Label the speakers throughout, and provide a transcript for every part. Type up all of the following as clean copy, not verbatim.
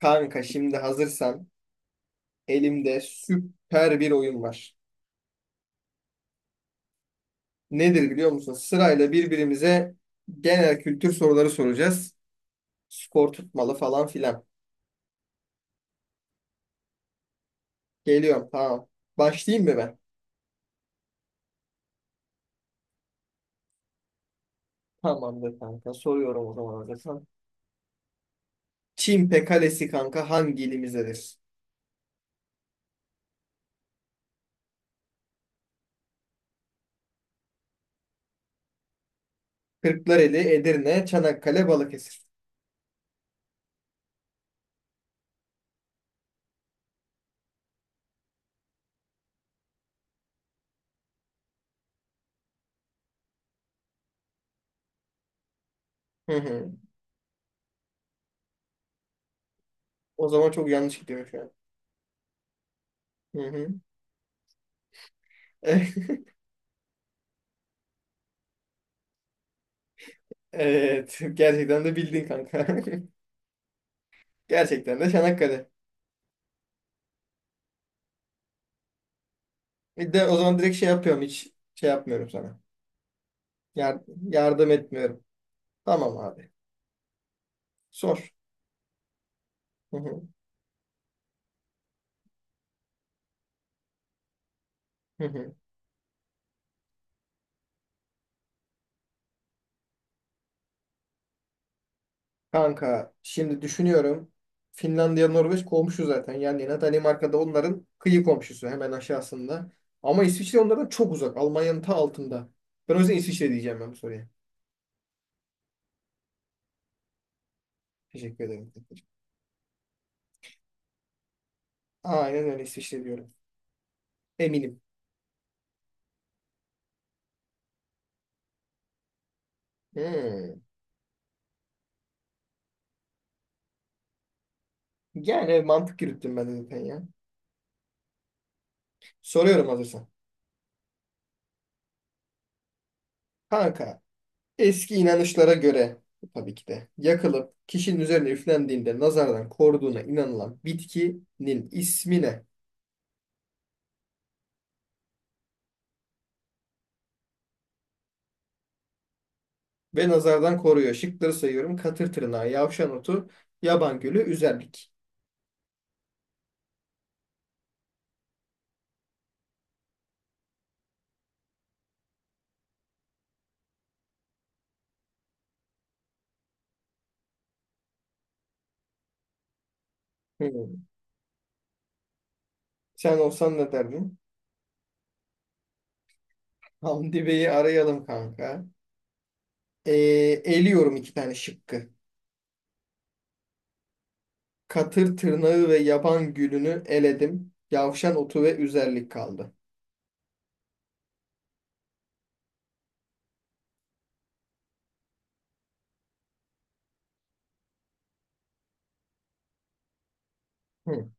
Speaker 1: Kanka şimdi hazırsan elimde süper bir oyun var. Nedir biliyor musun? Sırayla birbirimize genel kültür soruları soracağız. Skor tutmalı falan filan. Geliyorum tamam. Başlayayım mı ben? Tamamdır kanka. Soruyorum o zaman hazırsan. Çimpe Kalesi kanka hangi ilimizdedir? Kırklareli, Edirne, Çanakkale, Balıkesir. Hı hı. O zaman çok yanlış gidiyor şu an. Hı hı. Evet. Gerçekten de bildin kanka. Gerçekten de Çanakkale. Bir de o zaman direkt şey yapıyorum, hiç şey yapmıyorum sana. Yar- Yardım etmiyorum. Tamam abi. Sor. Hı hı, hı hı. Kanka şimdi düşünüyorum. Finlandiya Norveç komşu zaten. Yani yine Danimarka'da onların kıyı komşusu hemen aşağısında. Ama İsviçre onlardan çok uzak. Almanya'nın ta altında. Ben o yüzden İsviçre diyeceğim ben bu soruya. Teşekkür ederim. Aynen öyle, İsviçre diyorum. Eminim. Hmm. Yani mantık yürüttüm ben de zaten ya. Soruyorum hazırsan. Kanka eski inanışlara göre tabii ki de yakılıp kişinin üzerine üflendiğinde nazardan koruduğuna inanılan bitkinin ismi ne? Ve nazardan koruyor. Şıkları sayıyorum. Katır tırnağı, yavşan otu, yaban gülü, üzerlik. Hmm. Sen olsan ne derdin? Hamdi Bey'i arayalım kanka. Ee, Eliyorum iki tane şıkkı. Katır tırnağı ve yaban gülünü eledim. Yavşan otu ve üzerlik kaldı. Hmm.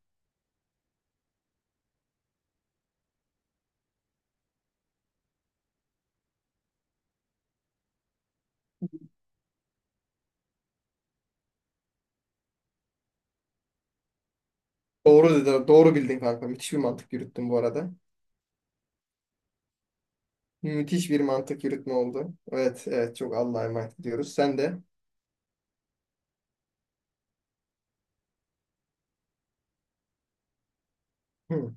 Speaker 1: Doğru dedin, doğru bildin kanka. Müthiş bir mantık yürüttün bu arada. Müthiş bir mantık yürütme oldu. Evet, evet, çok Allah'a emanet ediyoruz. Sen de hı,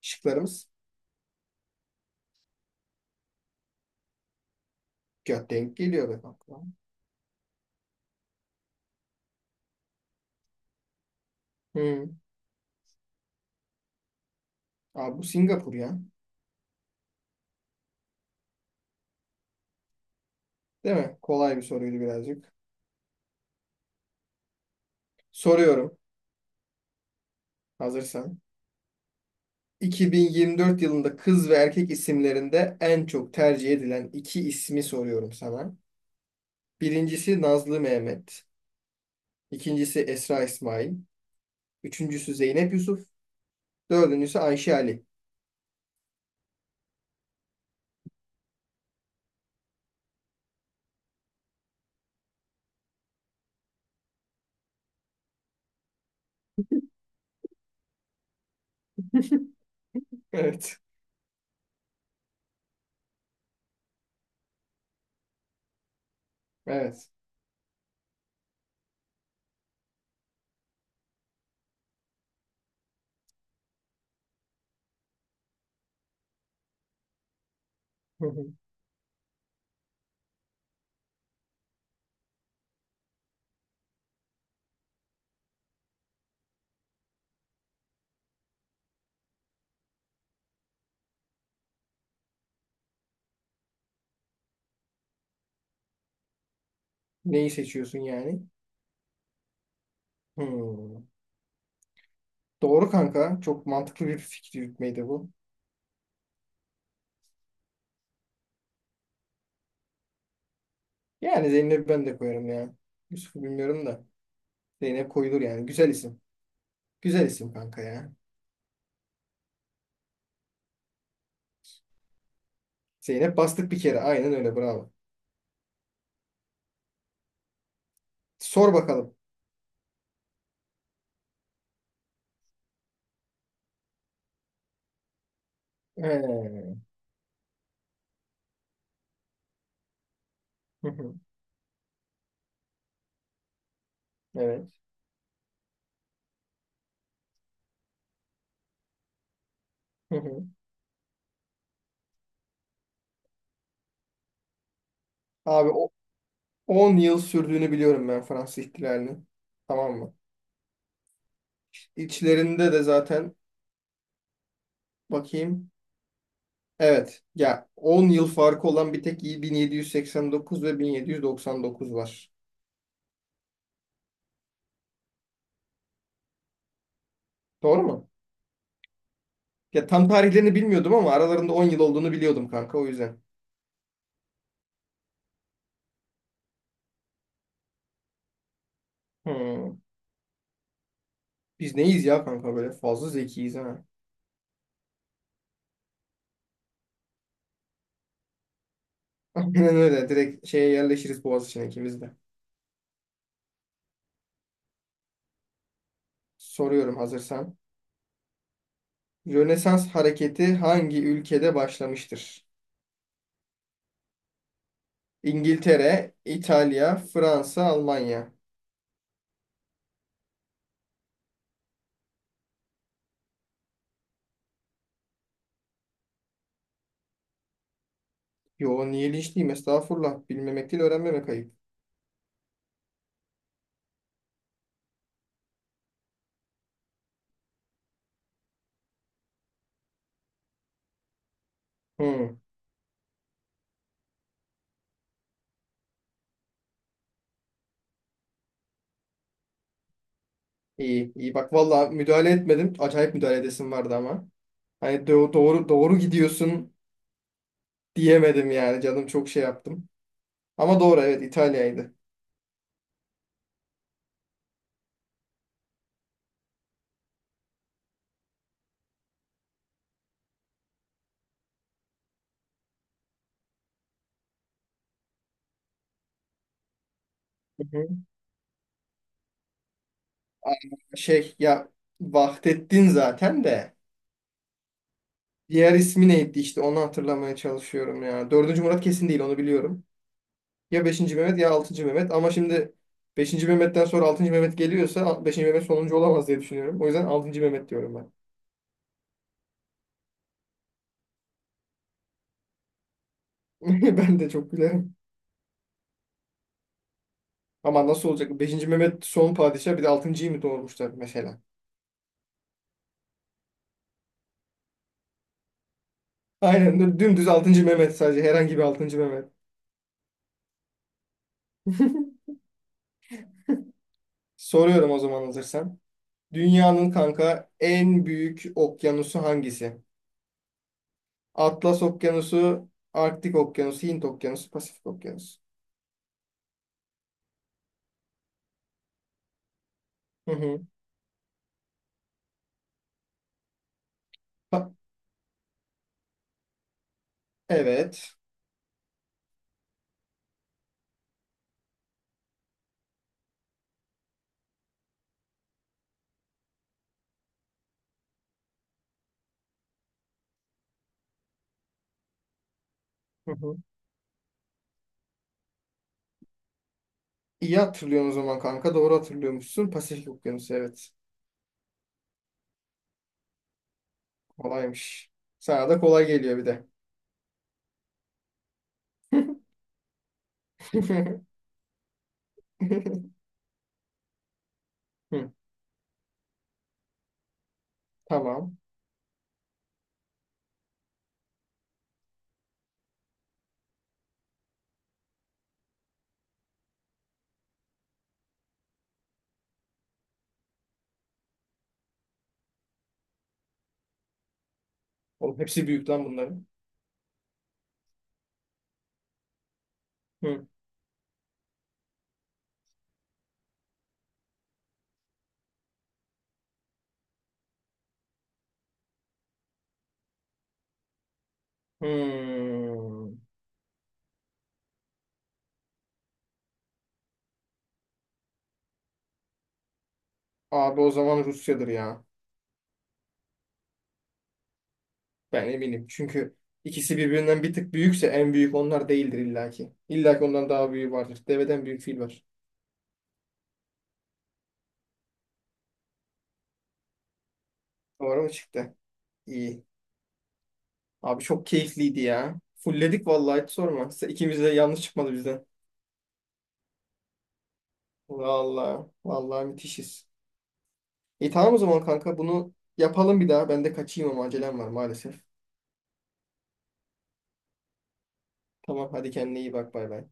Speaker 1: şıklarımız denk geliyor be kanka. Hı. Abi bu Singapur ya. Değil mi? Kolay bir soruydu birazcık. Soruyorum hazırsan. 2024 yılında kız ve erkek isimlerinde en çok tercih edilen iki ismi soruyorum sana. Birincisi Nazlı Mehmet. İkincisi Esra İsmail. Üçüncüsü Zeynep Yusuf. Dördüncüsü Ayşe Ali. Evet. Evet. Hı hı. Neyi seçiyorsun yani? Hmm. Doğru kanka. Çok mantıklı bir fikir yürütmeydi bu. Yani Zeynep'i ben de koyarım ya. Yusuf'u bilmiyorum da. Zeynep koyulur yani. Güzel isim. Güzel isim kanka ya. Zeynep bastık bir kere. Aynen öyle. Bravo. Sor bakalım. Ee, hı hı. Evet. Hı hı. Abi o 10 yıl sürdüğünü biliyorum ben Fransız ihtilalinin. Tamam mı? İçlerinde de zaten bakayım. Evet. Ya 10 yıl farkı olan bir tek 1789 ve 1799 var. Doğru mu? Ya tam tarihlerini bilmiyordum ama aralarında 10 yıl olduğunu biliyordum kanka o yüzden. Hmm. Biz neyiz ya kanka, böyle fazla zekiyiz ha. Aynen öyle, direkt şeye yerleşiriz Boğaziçi'ne ikimiz de. Soruyorum hazırsan. Rönesans hareketi hangi ülkede başlamıştır? İngiltere, İtalya, Fransa, Almanya. Yo niye linçliyim, estağfurullah. Bilmemek değil, öğrenmemek ayıp. Hmm. İyi iyi bak valla, müdahale etmedim. Acayip müdahale edesim vardı ama. Hani doğru doğru gidiyorsun diyemedim yani, canım çok şey yaptım. Ama doğru, evet, İtalya'ydı. Hı hı. Aa, şey ya, Vahdettin zaten de diğer ismi neydi işte onu hatırlamaya çalışıyorum ya. Dördüncü Murat kesin değil, onu biliyorum. Ya beşinci Mehmet ya altıncı Mehmet, ama şimdi beşinci Mehmet'ten sonra altıncı Mehmet geliyorsa beşinci Mehmet sonuncu olamaz diye düşünüyorum. O yüzden altıncı Mehmet diyorum ben. Ben de çok gülerim. Ama nasıl olacak? Beşinci Mehmet son padişah bir de altıncıyı mı doğurmuşlar mesela? Aynen dümdüz altıncı Mehmet, sadece herhangi bir altıncı Mehmet. Soruyorum o zaman hazırsan. Dünyanın kanka en büyük okyanusu hangisi? Atlas Okyanusu, Arktik Okyanusu, Hint Okyanusu, Pasifik Okyanusu. Hı hı. Pa- evet. Hı hı. İyi hatırlıyorsun o zaman kanka. Doğru hatırlıyormuşsun. Pasifik Okyanusu, evet. Kolaymış. Sana da kolay geliyor bir de. Hı, tamam. Oğlum hepsi büyük lan bunların. Hı. Hmm. Abi o zaman Rusya'dır ya. Ben eminim. Çünkü ikisi birbirinden bir tık büyükse en büyük onlar değildir illaki. İllaki ondan daha büyüğü vardır. Deveden büyük fil var. Doğru mu çıktı? İyi. Abi çok keyifliydi ya. Fulledik vallahi, hiç sorma. İkimiz de yanlış çıkmadı bizden. Vallahi. Vallahi müthişiz. İyi, tamam o zaman kanka, bunu yapalım bir daha. Ben de kaçayım ama acelem var maalesef. Tamam hadi, kendine iyi bak, bay bay.